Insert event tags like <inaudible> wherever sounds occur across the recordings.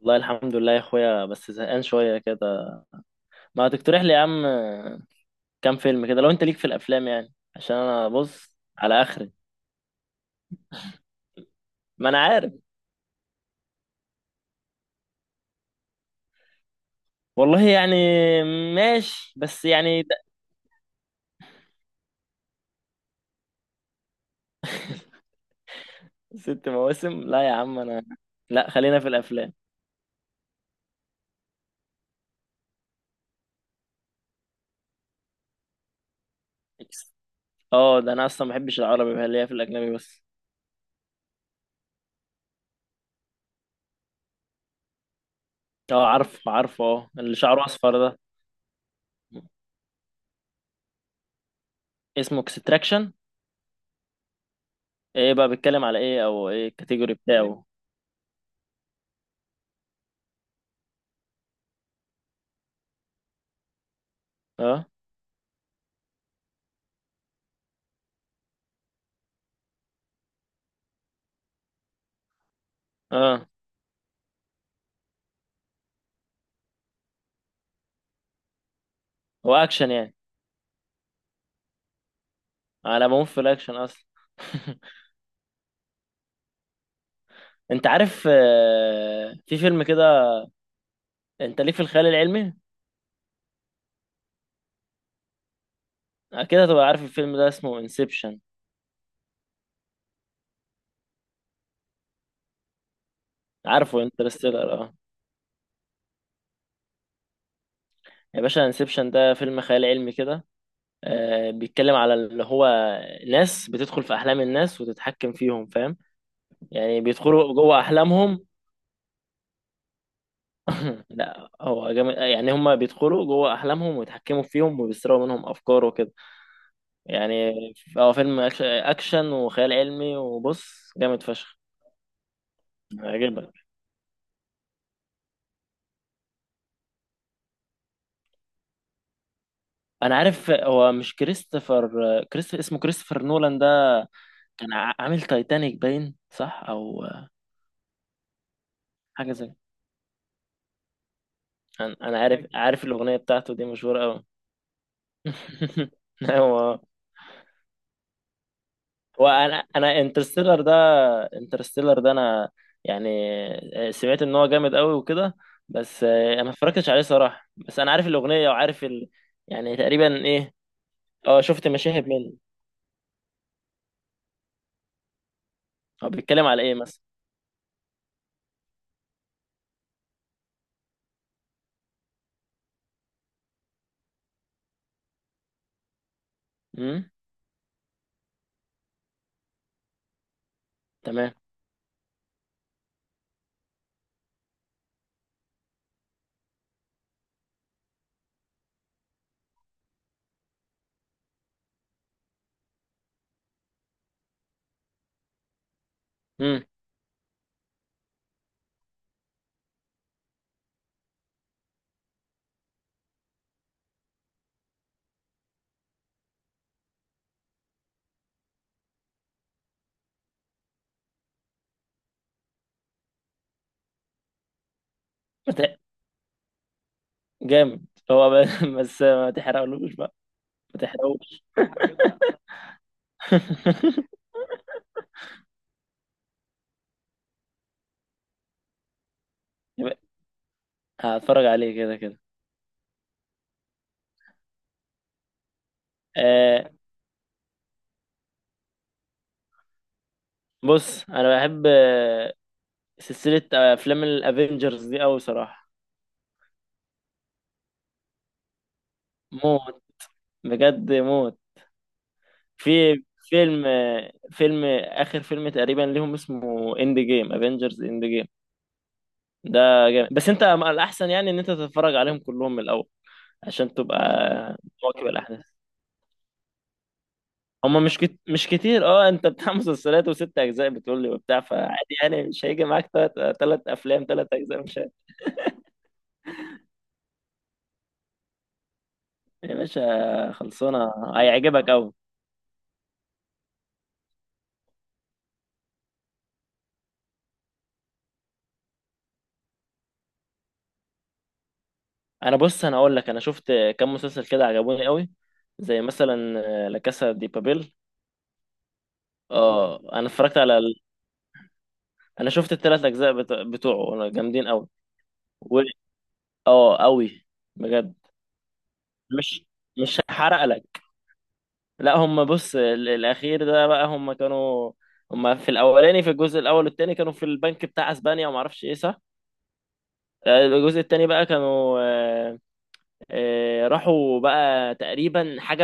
والله الحمد لله يا اخويا، بس زهقان شويه كده. ما تقترح لي يا عم؟ كام فيلم كده لو انت ليك في الافلام، يعني عشان انا بص على اخري. ما انا عارف. والله يعني ماشي، بس يعني ده. ست مواسم؟ لا يا عم انا. لا، خلينا في الافلام. اه، ده انا اصلا ما بحبش العربي، بقى ليا في الاجنبي بس. اه، عارف عارفه، اه اللي شعره اصفر ده. اسمه اكستراكشن. ايه بقى بيتكلم على ايه، او ايه الكاتيجوري بتاعه؟ اه اه، هو اكشن يعني. على ما في الاكشن اصلا. <laughs> انت عارف في فيلم كده؟ انت ليك في الخيال العلمي؟ اكيد هتبقى عارف الفيلم ده، اسمه انسبشن. عارفه انترستيلر، اه. يا باشا، انسبشن ده فيلم خيال علمي كده، بيتكلم على اللي هو ناس بتدخل في احلام الناس وتتحكم فيهم، فاهم؟ يعني بيدخلوا جوه احلامهم. <laughs> لا هو جامد يعني، هم بيدخلوا جوه احلامهم ويتحكموا فيهم وبيسرقوا منهم افكار وكده، يعني. هو فيلم اكشن وخيال علمي، وبص جامد فشخ. هيعجبك. انا عارف هو مش كريستوفر، اسمه كريستوفر نولان ده. كان عامل تايتانيك باين، صح او حاجه زي. انا عارف الاغنيه بتاعته دي مشهوره قوي. <laughs> ايوه. هو انا انترستيلر ده انا يعني سمعت ان هو جامد قوي وكده، بس انا ما اتفرجتش عليه صراحه، بس انا عارف الاغنيه وعارف ال... يعني تقريبا ايه. اه، شفت مشاهد منه. هو بيتكلم على ايه مثلا؟ امم. تمام. امم جامد. <laughs> بس ما تحرقلوش بقى. ما تحرقوش. <laughs> يبقى هتفرج عليه كده كده. آه، بص انا بحب سلسلة افلام الافينجرز دي قوي صراحة. موت، بجد موت. في فيلم فيلم اخر، فيلم تقريبا ليهم اسمه اند جيم، افينجرز اند جيم. ده جامد، بس انت الاحسن يعني ان انت تتفرج عليهم كلهم من الاول عشان تبقى مواكب الاحداث. هما مش مش كتير. اه انت بتاع <laughs> مسلسلات وست اجزاء بتقول لي وبتاع، فعادي يعني مش هيجي معاك تلات افلام تلات اجزاء مش يا باشا خلصانه هيعجبك قوي. انا بص، انا اقول لك، انا شفت كام مسلسل كده عجبوني قوي. زي مثلا لا كاسا دي بابيل. اه انا اتفرجت على ال... انا شفت التلات اجزاء بتوعه جامدين قوي. و... اه قوي بجد. مش مش هحرق لك. لا هم بص الاخير ده بقى، هم كانوا... هم في الاولاني، في الجزء الاول والتاني كانوا في البنك بتاع اسبانيا، وما اعرفش ايه، صح. الجزء التاني بقى كانوا راحوا بقى تقريبا حاجه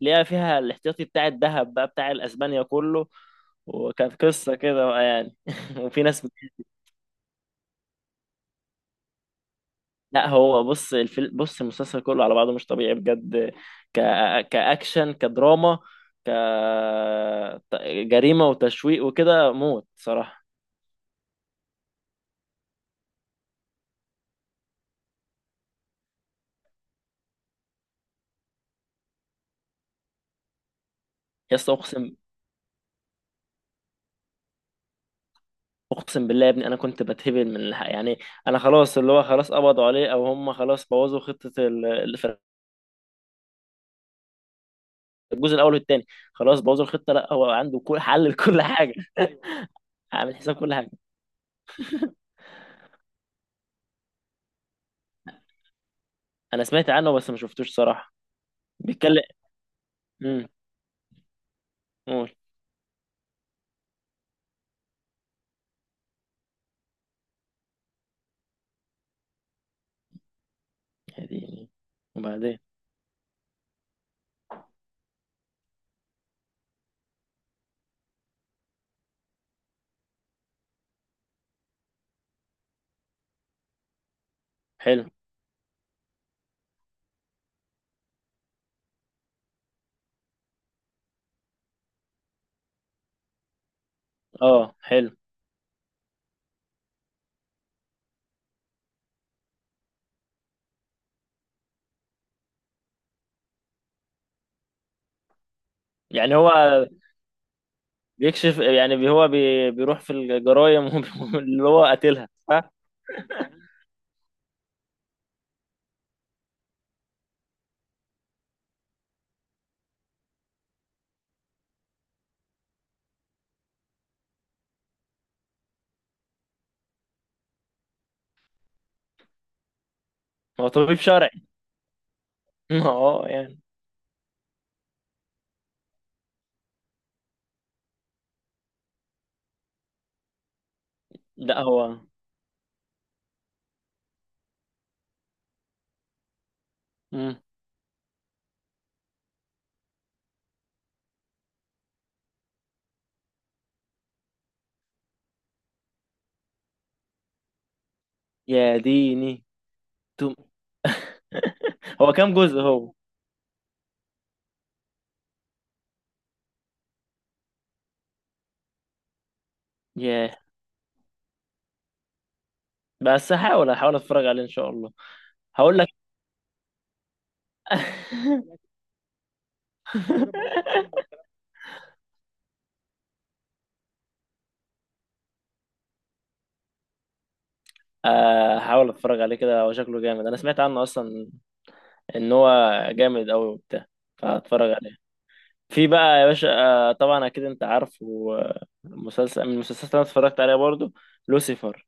ليها، فيها الاحتياطي بتاع الذهب بقى بتاع الاسبانيا كله. وكانت قصه كده بقى يعني، <laughs> وفي ناس لا، هو بص بص المسلسل كله على بعضه مش طبيعي بجد. ك... كأكشن، كدراما، ك جريمة وتشويق وكده، موت صراحة. يا اسطى اقسم بالله يا ابني، انا كنت بتهبل من الحق يعني. انا خلاص، اللي هو خلاص قبضوا عليه او هم خلاص بوظوا خطه اللي في الجزء الاول والثاني، خلاص بوظوا الخطه، لا هو عنده كل حل لكل حاجه. <laughs> عامل حساب كل حاجه. انا سمعت عنه بس ما شفتوش صراحه. بيتكلم. امم. قول. يعني. وبعدين. حلو. اه حلو. يعني هو بيكشف يعني، هو بيروح في الجرايم <laughs> اللي هو قاتلها، صح. هو طبيب شرعي. <laughs> اه يعني. لا هو. مم. يا ديني. توم. <laughs> هو كام جزء هو؟ ياه. بس هحاول اتفرج عليه ان شاء الله. هقول لك. <laughs> هحاول اتفرج عليه كده، هو شكله جامد، انا سمعت عنه اصلا ان هو جامد قوي وبتاع. فهتفرج عليه. في بقى يا باشا طبعا اكيد انت عارف مسلسل من المسلسلات اللي انا اتفرجت عليها برضو: لوسيفر.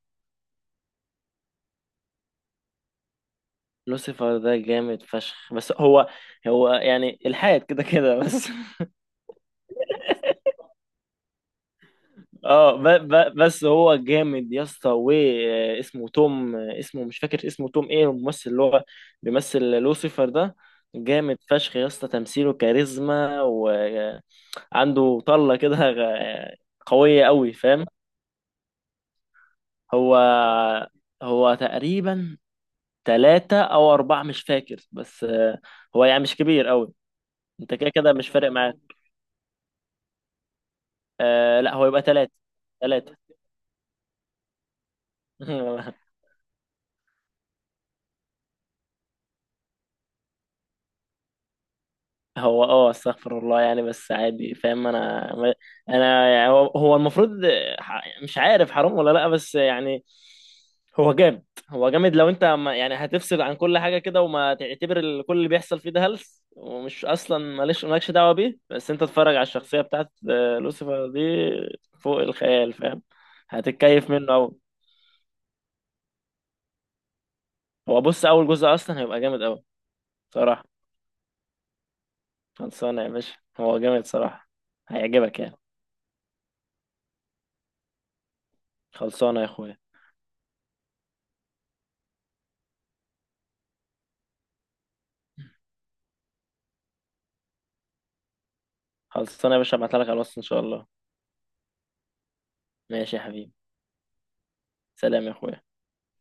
لوسيفر ده جامد فشخ، بس هو يعني الحاد كده كده بس. <laughs> اه، ب ب بس هو جامد يا اسطى، واسمه توم. اسمه مش فاكر، اسمه توم ايه الممثل اللي هو بيمثل لوسيفر ده. جامد فشخ يا اسطى، تمثيله كاريزما، وعنده طلة كده قوية قوي، فاهم. هو هو تقريبا ثلاثة او اربعة مش فاكر، بس هو يعني مش كبير قوي. انت كده كده مش فارق معاك. آه لا، هو يبقى ثلاثة. ثلاثة. <laughs> هو اه استغفر الله يعني، بس عادي فاهم انا. انا يعني هو المفروض مش عارف حرام ولا لا، بس يعني هو جامد. هو جامد، لو انت يعني هتفصل عن كل حاجه كده، وما تعتبر كل اللي بيحصل فيه ده هلس، ومش اصلا مالكش دعوه بيه، بس انت تتفرج على الشخصيه بتاعت لوسيفر دي. فوق الخيال، فاهم. هتتكيف منه قوي. هو بص، اول جزء اصلا هيبقى جامد قوي صراحه. خلصانه يا باشا، هو جامد صراحه. هيعجبك يعني. خلصانه يا اخويا. خلصانة يا باشا، ابعتها لك على الوصف ان شاء الله. ماشي يا حبيبي. سلام يا اخويا.